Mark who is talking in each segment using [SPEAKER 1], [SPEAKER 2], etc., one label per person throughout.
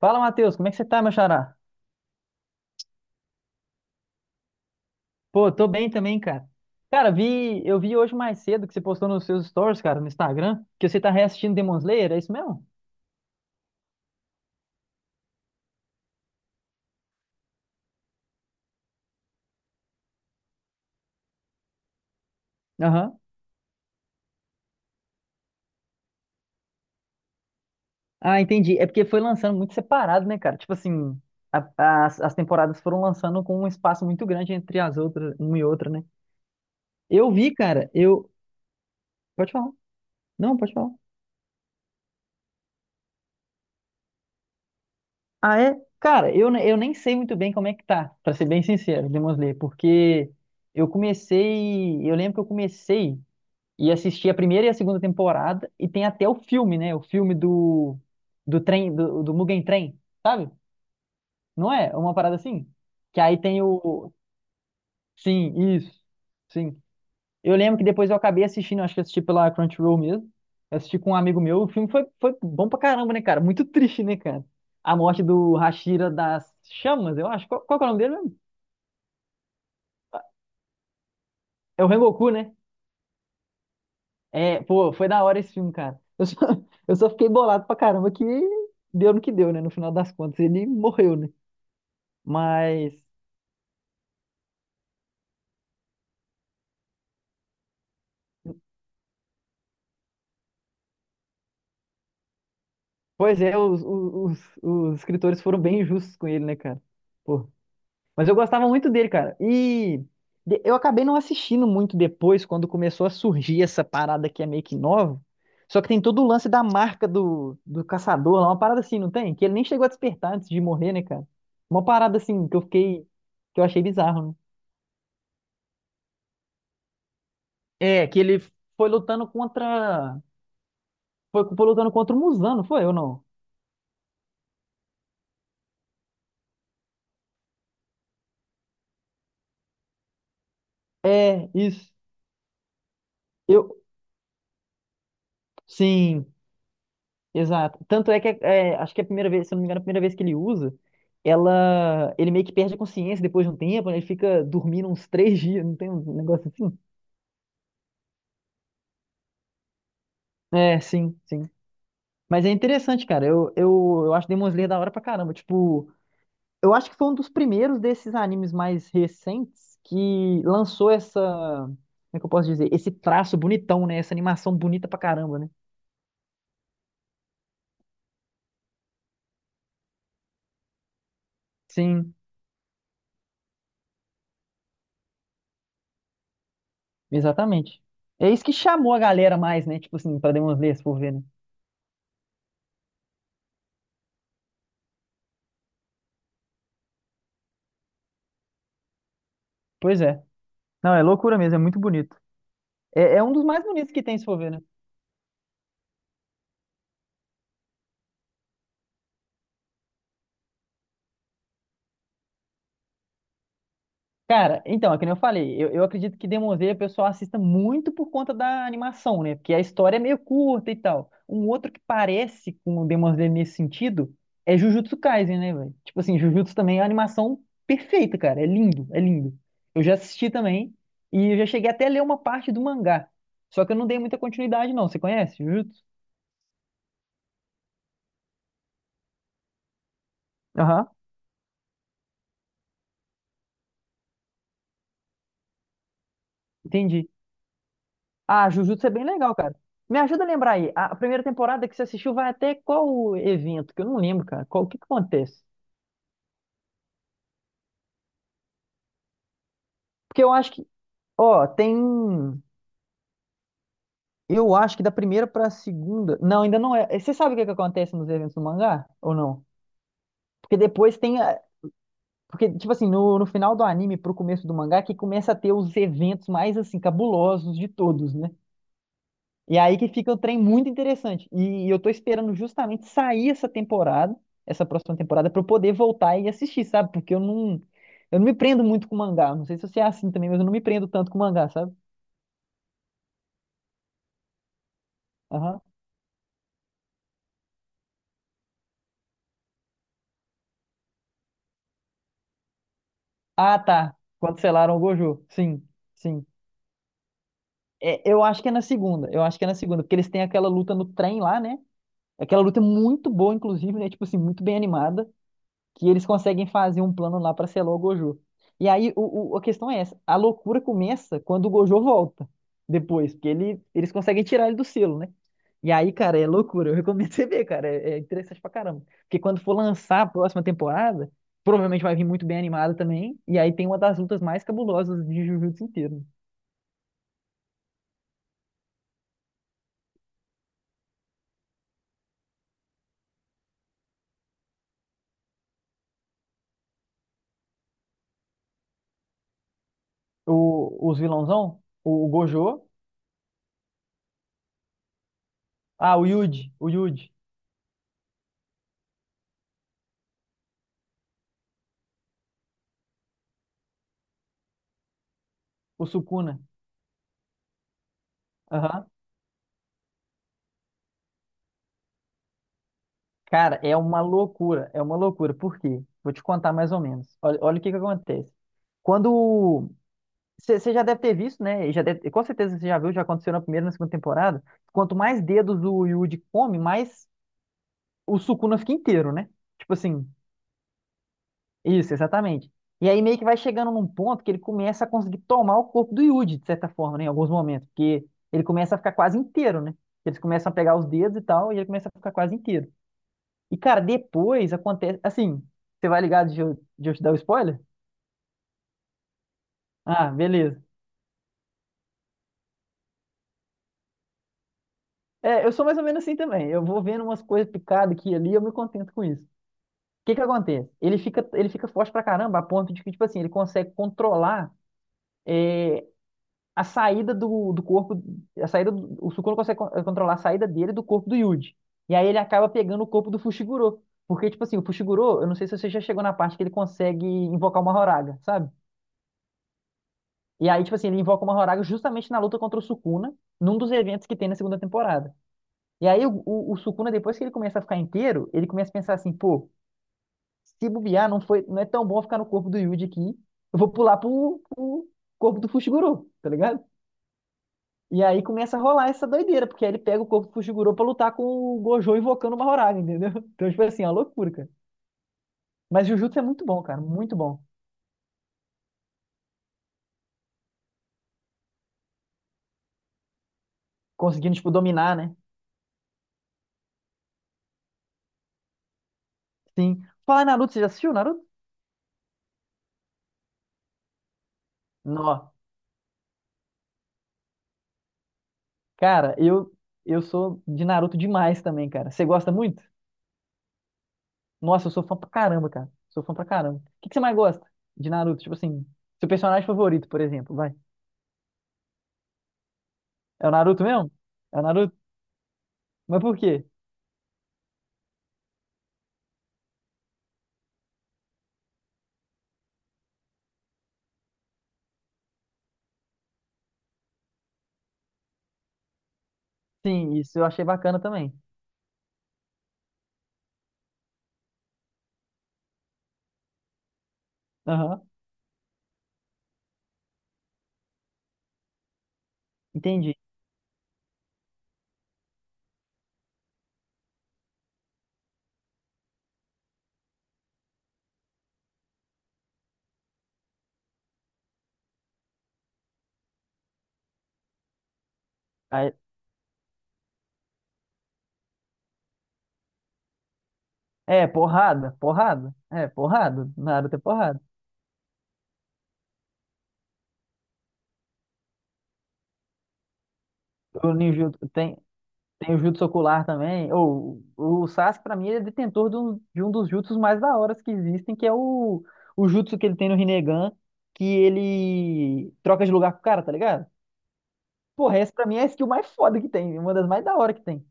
[SPEAKER 1] Fala, Matheus, como é que você tá, meu xará? Pô, tô bem também, cara. Cara, vi, eu vi hoje mais cedo que você postou nos seus stories, cara, no Instagram, que você tá reassistindo Demon Slayer, é isso mesmo? Aham. Ah, entendi. É porque foi lançando muito separado, né, cara? Tipo assim, as temporadas foram lançando com um espaço muito grande entre as outras, uma e outra, né? Eu vi, cara, eu. Pode falar. Não, pode falar. Ah, é? Cara, eu nem sei muito bem como é que tá, pra ser bem sincero, Demon Slayer, porque eu comecei. Eu lembro que eu comecei. E assisti a primeira e a segunda temporada, e tem até o filme, né? O filme do trem do Mugen Train, sabe? Não é? É uma parada assim? Que aí tem o sim, isso. Sim. Eu lembro que depois eu acabei assistindo, acho que eu assisti pela Crunchyroll mesmo. Eu assisti com um amigo meu, o filme foi bom pra caramba, né, cara? Muito triste, né, cara? A morte do Hashira das Chamas, eu acho. Qual, qual que é o nome dele mesmo? É o Rengoku, né? É, pô, foi da hora esse filme, cara. Eu só, eu só fiquei bolado pra caramba que deu no que deu, né? No final das contas, ele morreu, né? Mas, pois é, os escritores foram bem injustos com ele, né, cara? Pô, mas eu gostava muito dele, cara. E eu acabei não assistindo muito depois, quando começou a surgir essa parada que é meio que nova. Só que tem todo o lance da marca do caçador lá, uma parada assim, não tem? Que ele nem chegou a despertar antes de morrer, né, cara? Uma parada assim que eu fiquei, que eu achei bizarro, né? É, que ele foi lutando contra. Foi lutando contra o Muzan, não foi ou não? É, isso. Eu. Sim, exato. Tanto é que é, acho que é a primeira vez, se eu não me engano, a primeira vez que ele usa, ela. Ele meio que perde a consciência depois de um tempo, né? Ele fica dormindo uns três dias, não tem um negócio assim? É, sim, sim. Mas é interessante, cara. Eu acho Demon Slayer da hora pra caramba. Tipo. Eu acho que foi um dos primeiros desses animes mais recentes que lançou essa, como é que eu posso dizer? Esse traço bonitão, né? Essa animação bonita pra caramba, né? Sim, exatamente. É isso que chamou a galera mais, né? Tipo assim, pra Demon Slayer, se for ver, né? Pois é. Não, é loucura mesmo, é muito bonito. É, é um dos mais bonitos que tem, se for ver, né? Cara, então, é que nem eu falei, eu acredito que Demon Slayer o pessoal assista muito por conta da animação, né? Porque a história é meio curta e tal. Um outro que parece com o Demon Slayer nesse sentido é Jujutsu Kaisen, né, velho? Tipo assim, Jujutsu também é uma animação perfeita, cara. É lindo, é lindo. Eu já assisti também, e eu já cheguei até a ler uma parte do mangá. Só que eu não dei muita continuidade, não. Você conhece Jujutsu? Aham. Entendi. Ah, Jujutsu é bem legal, cara. Me ajuda a lembrar aí. A primeira temporada que você assistiu vai até qual evento? Que eu não lembro, cara. Qual, o que que acontece? Porque eu acho que, ó, tem. Eu acho que da primeira pra segunda. Não, ainda não é. Você sabe o que que acontece nos eventos do mangá? Ou não? Porque depois tem. Porque, tipo assim, no, no final do anime pro começo do mangá, que começa a ter os eventos mais, assim, cabulosos de todos, né? E aí que fica o trem muito interessante. E eu tô esperando justamente sair essa temporada, essa próxima temporada, pra eu poder voltar e assistir, sabe? Porque eu não me prendo muito com mangá. Não sei se você é assim também, mas eu não me prendo tanto com mangá, sabe? Aham. Ah, tá. Cancelaram o Gojo. Sim, sim. É, eu acho que é na segunda. Eu acho que é na segunda, porque eles têm aquela luta no trem lá, né? Aquela luta é muito boa, inclusive, né? Tipo assim, muito bem animada. Que eles conseguem fazer um plano lá pra selar o Gojo. E aí a questão é essa, a loucura começa quando o Gojo volta depois, porque ele, eles conseguem tirar ele do selo, né? E aí, cara, é loucura. Eu recomendo você ver, cara. É, é interessante pra caramba. Porque quando for lançar a próxima temporada, provavelmente vai vir muito bem animada também. E aí tem uma das lutas mais cabulosas de Jujutsu inteiro, né? O, os vilãozão, o Gojo, ah, o Yuji, o Sukuna. Aham. Cara, é uma loucura, é uma loucura. Por quê? Vou te contar mais ou menos. Olha, olha o que que acontece. Quando você já deve ter visto, né? E já deve- com certeza você já viu, já aconteceu na primeira e na segunda temporada. Quanto mais dedos o Yuji come, mais o Sukuna fica inteiro, né? Tipo assim, isso, exatamente. E aí meio que vai chegando num ponto que ele começa a conseguir tomar o corpo do Yuji, de certa forma, né? Em alguns momentos, porque ele começa a ficar quase inteiro, né? Eles começam a pegar os dedos e tal, e ele começa a ficar quase inteiro. E, cara, depois acontece. Assim, você vai ligado de eu te dar o spoiler? Ah, beleza. É, eu sou mais ou menos assim também. Eu vou vendo umas coisas picadas aqui e ali, eu me contento com isso. O que que acontece? Ele fica forte pra caramba, a ponto de que, tipo assim, ele consegue controlar é, a saída do corpo. A saída do, o Sukuna consegue controlar a saída dele do corpo do Yuji. E aí ele acaba pegando o corpo do Fushiguro. Porque, tipo assim, o Fushiguro, eu não sei se você já chegou na parte que ele consegue invocar uma Horaga, sabe? E aí, tipo assim, ele invoca o Mahoraga justamente na luta contra o Sukuna, num dos eventos que tem na segunda temporada. E aí, o Sukuna, depois que ele começa a ficar inteiro, ele começa a pensar assim, pô, se bobear, não foi, não é tão bom ficar no corpo do Yuji aqui, eu vou pular pro corpo do Fushiguro, tá ligado? E aí começa a rolar essa doideira, porque aí ele pega o corpo do Fushiguro pra lutar com o Gojo invocando o Mahoraga, entendeu? Então, tipo assim, é uma loucura, cara. Mas Jujutsu é muito bom, cara, muito bom. Conseguindo, tipo, dominar, né? Sim. Falar em Naruto, você já assistiu Naruto? Não. Cara, eu sou de Naruto demais também, cara. Você gosta muito? Nossa, eu sou fã pra caramba, cara. Sou fã pra caramba. O que que você mais gosta de Naruto? Tipo assim, seu personagem favorito, por exemplo, vai. É o Naruto mesmo? É o Naruto? Mas por quê? Sim, isso eu achei bacana também. Aham, entendi. Aí- É, porrada, porrada. É, porrada. Naruto é porrada. O Ninjutsu tem. Tem o Jutsu Ocular também. Ou, o Sasuke, pra mim, ele é detentor de um dos Jutsus mais da hora que existem, que é o Jutsu que ele tem no Rinnegan, que ele troca de lugar com o cara, tá ligado? Porra, essa pra mim é a skill mais foda que tem, uma das mais da hora que tem.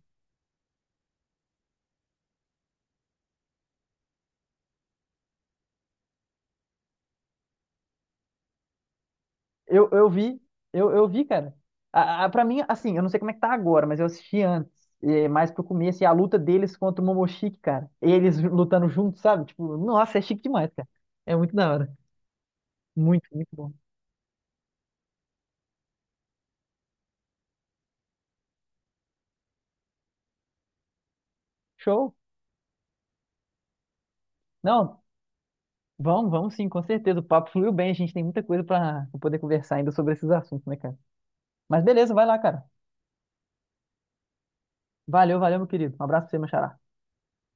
[SPEAKER 1] Eu, eu vi, eu vi, cara. A, pra mim, assim, eu não sei como é que tá agora, mas eu assisti antes, é, mais pro começo, e a luta deles contra o Momoshiki, cara. Eles lutando juntos, sabe? Tipo, nossa, é chique demais, cara. É muito da hora. Muito, muito bom. Show. Não, vamos, vamos sim, com certeza. O papo fluiu bem, a gente tem muita coisa para poder conversar ainda sobre esses assuntos, né, cara? Mas beleza, vai lá, cara. Valeu, valeu, meu querido. Um abraço pra você, meu xará.